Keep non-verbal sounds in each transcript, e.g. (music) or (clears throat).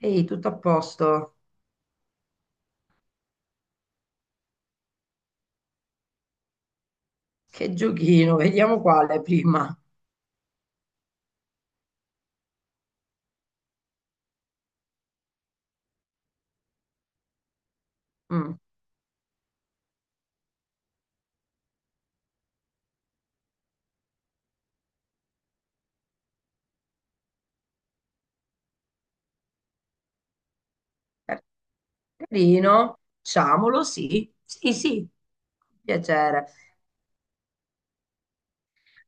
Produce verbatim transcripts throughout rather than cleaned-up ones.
Ehi, tutto a posto? Che giochino, vediamo quale prima. Mm. Carino, facciamolo, sì, sì, sì, piacere.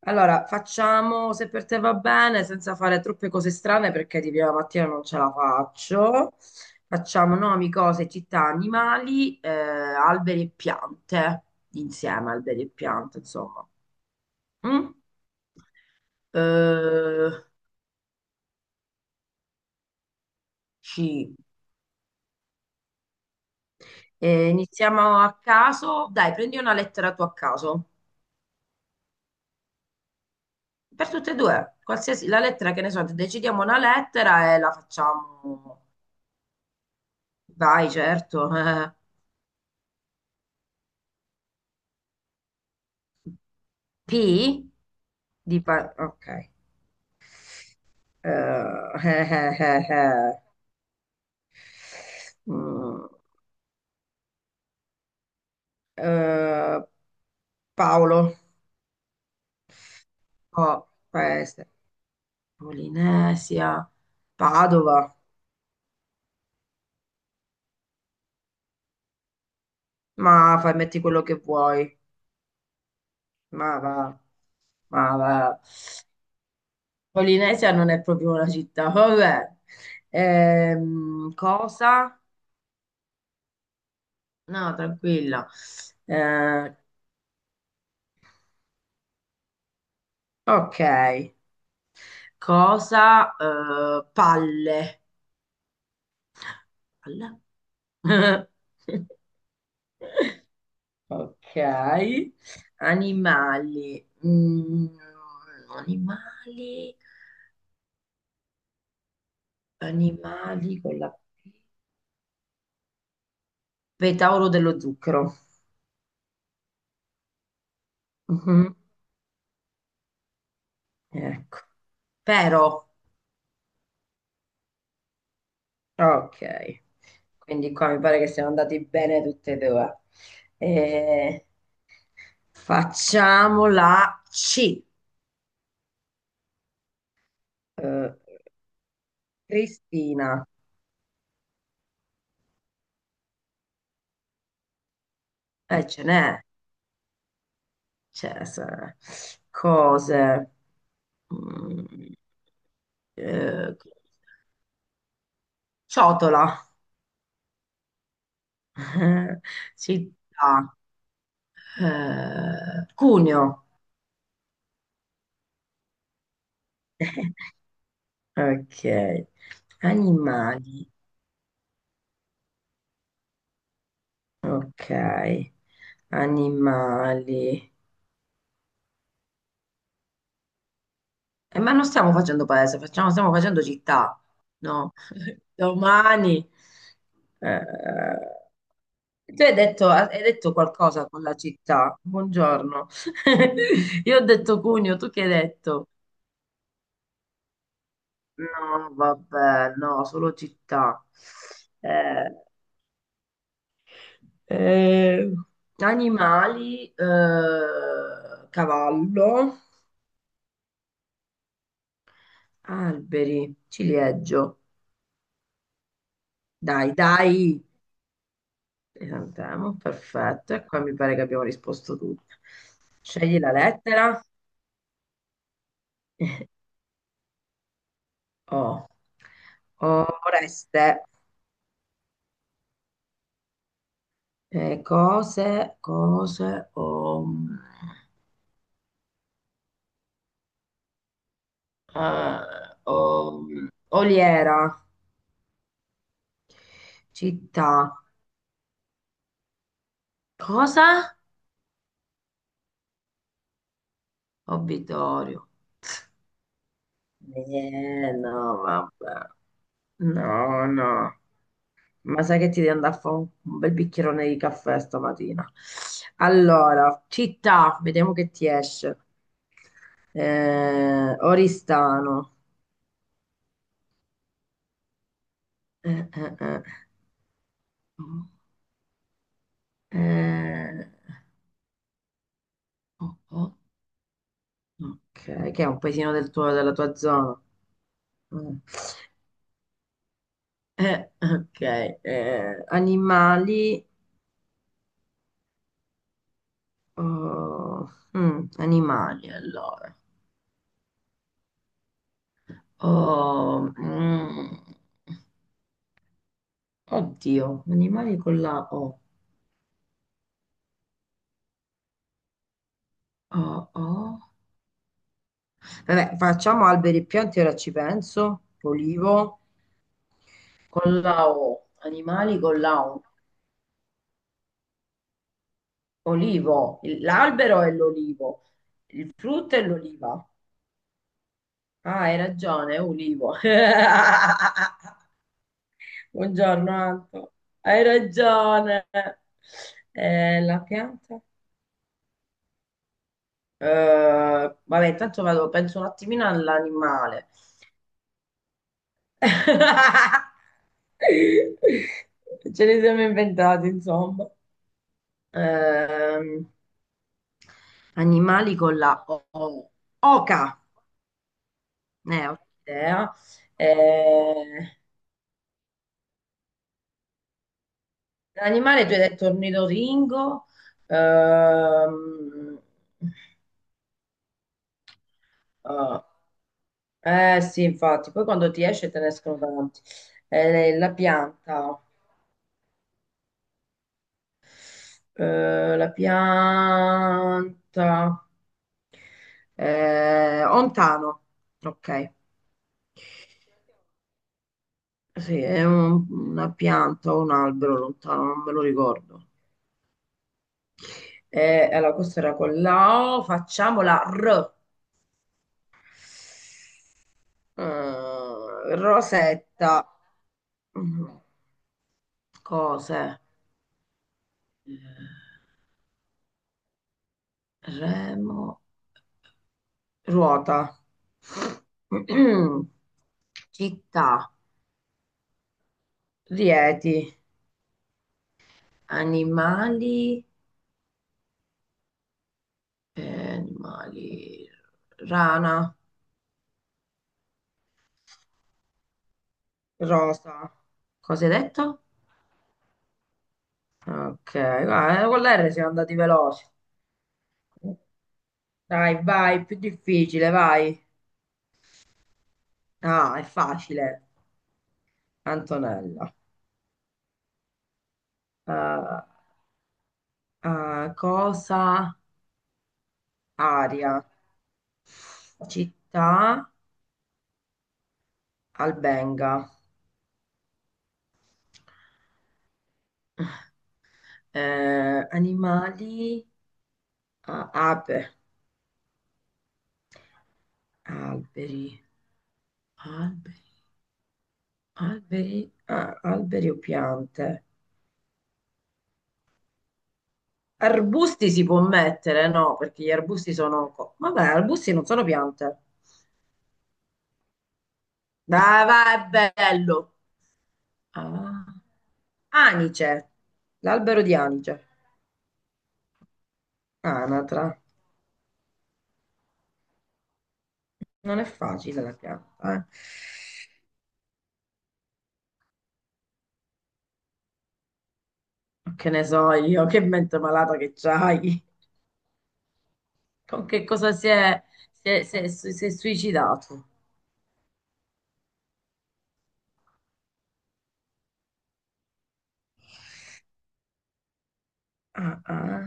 Allora, facciamo se per te va bene, senza fare troppe cose strane perché di prima mattina non ce la faccio. Facciamo nomi, cose, città, animali, eh, alberi e piante, insieme alberi e piante, insomma. Mm? Eh, sì. Eh, iniziamo a caso. Dai, prendi una lettera tu a caso. Per tutte e due, qualsiasi la lettera che ne so, decidiamo una lettera e la facciamo. Vai, certo. (laughs) P di pa- ok. Eh, (laughs) Mm, eh, Paolo, oh, paese, Polinesia, Padova. Ma fai, metti quello che vuoi. Ma va, ma va. Polinesia non è proprio una città, vabbè. Ehm, cosa? No, tranquilla. Eh, ok. Cosa? Eh, palle. Palle? (laughs) Ok. Animali. Mm, animali. Animali con la P. Petauro dello zucchero. Mhm. Ecco. Pero. Ok, quindi qua mi pare che siamo andati bene tutte e due. Eh, Facciamo la C. Eh, Cristina, eh, ce n'è, c'è, se- cose. Mm, eh, Ciotola. (laughs) Città, eh, cuneo. (laughs) Ok, animali, ok, animali. Eh, ma non stiamo facendo paese, facciamo- stiamo facendo città, no? (laughs) Domani. eh, Tu hai detto, hai detto qualcosa con la città. Buongiorno. (laughs) Io ho detto Cugno, tu che hai detto? No, vabbè, no, solo città. Eh, eh, Animali. Eh, cavallo, alberi, ciliegio. Dai, dai. Esatto, andiamo, perfetto. E qua mi pare che abbiamo risposto tutti. Scegli la lettera O. Oreste. Eh, cose, cose, o, eh, o- oliera. Città. Cosa? Obitorio. Eh, no, vabbè. No, no. Ma sai che ti devi andare a fare un, un bel bicchierone di caffè stamattina. Allora, città, vediamo che ti esce. Eh, Oristano. Eh, eh, eh. Eh, oh, oh, ok, che è un paesino del tuo- della tua zona. Mm. Eh, ok. Eh, animali. Oh, mm, animali, allora. Oh, mm. Oddio, animali con la O. O, O. Vabbè, facciamo alberi e piante, ora ci penso. Olivo con la O. Animali con la O. Olivo. Il- L'albero è l'olivo. Il frutto è l'oliva. Ah, hai ragione, è olivo. (laughs) Buongiorno, Anto. Hai ragione. Eh, la pianta? Eh, vabbè, intanto vado, penso un attimino all'animale. (laughs) Ce li siamo inventati, insomma. Ehm, Animali con la O. O- Oca, ne ho idea. Eh, L'animale tu hai detto ornitoringo. Ehm, ah, eh sì, infatti, poi quando ti esce te ne escono tanti. Eh, la pianta, eh, la pianta, eh, ontano, ok. Sì, è un- una pianta o un albero lontano, non me lo ricordo. E allora, questa era con la O, facciamo la R. Eh, Rosetta. Mm, Cose. Remo. Ruota. (clears throat) Città. Rieti. Animali. Eh, animali. Rana. Rosa. Cosa hai detto? Ok, guarda, con l'R siamo andati veloci. Dai, vai, più difficile, vai. Ah, è facile. Antonella. Eh, eh, Cosa? Aria. Città? Albenga. Eh, animali? Ah, ape. Alberi. Alberi. Alberi, ah, alberi o piante? Arbusti si può mettere, no? Perché gli arbusti sono co- vabbè, arbusti non sono piante. Dai, vai, è bello. Ah. Anice, l'albero di Anice. Anatra. Non è facile la pianta, eh. Che ne so io, che mente malata che c'hai. Con che cosa si è, si è- si è- si è suicidato? Ah, ah.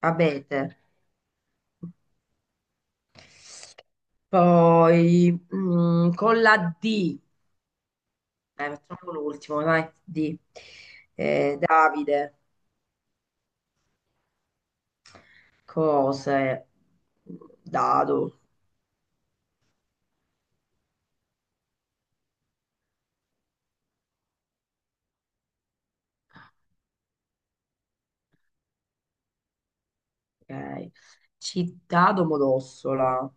Abete. Poi, mm, con la D. Dai, facciamo l'ultimo, dai, di Eh, Davide, cose, dado, ok, città Domodossola.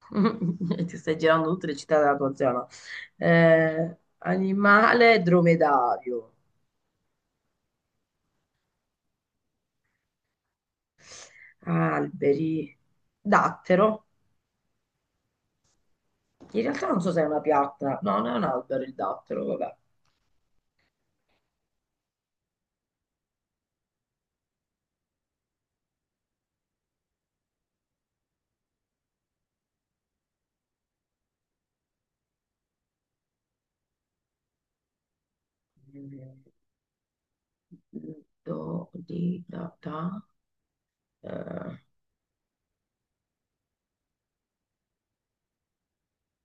(laughs) Ti stai girando tutte le città della tua zona. Eh, animale dromedario, alberi, dattero, in realtà non so se è una pianta, no, non è un albero il dattero, vabbè, do, di, da, da. Eh,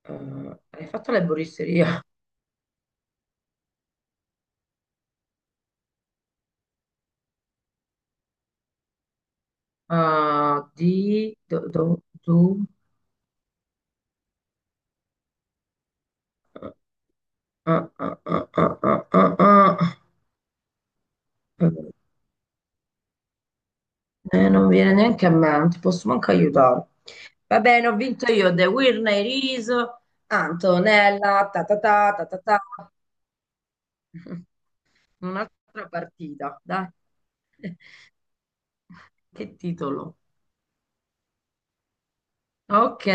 Eh, hai fatto l'erboristeria. Ah, di do, do, do- Ah, ah, ah, ah, ah, ah, ah. Ah. Eh, non viene neanche a me, non ti posso manco aiutare. Va bene, ho vinto io. The Winner is Antonella. Ta ta ta ta ta ta. (laughs) Un'altra partita, dai. (laughs) Che titolo? Ok.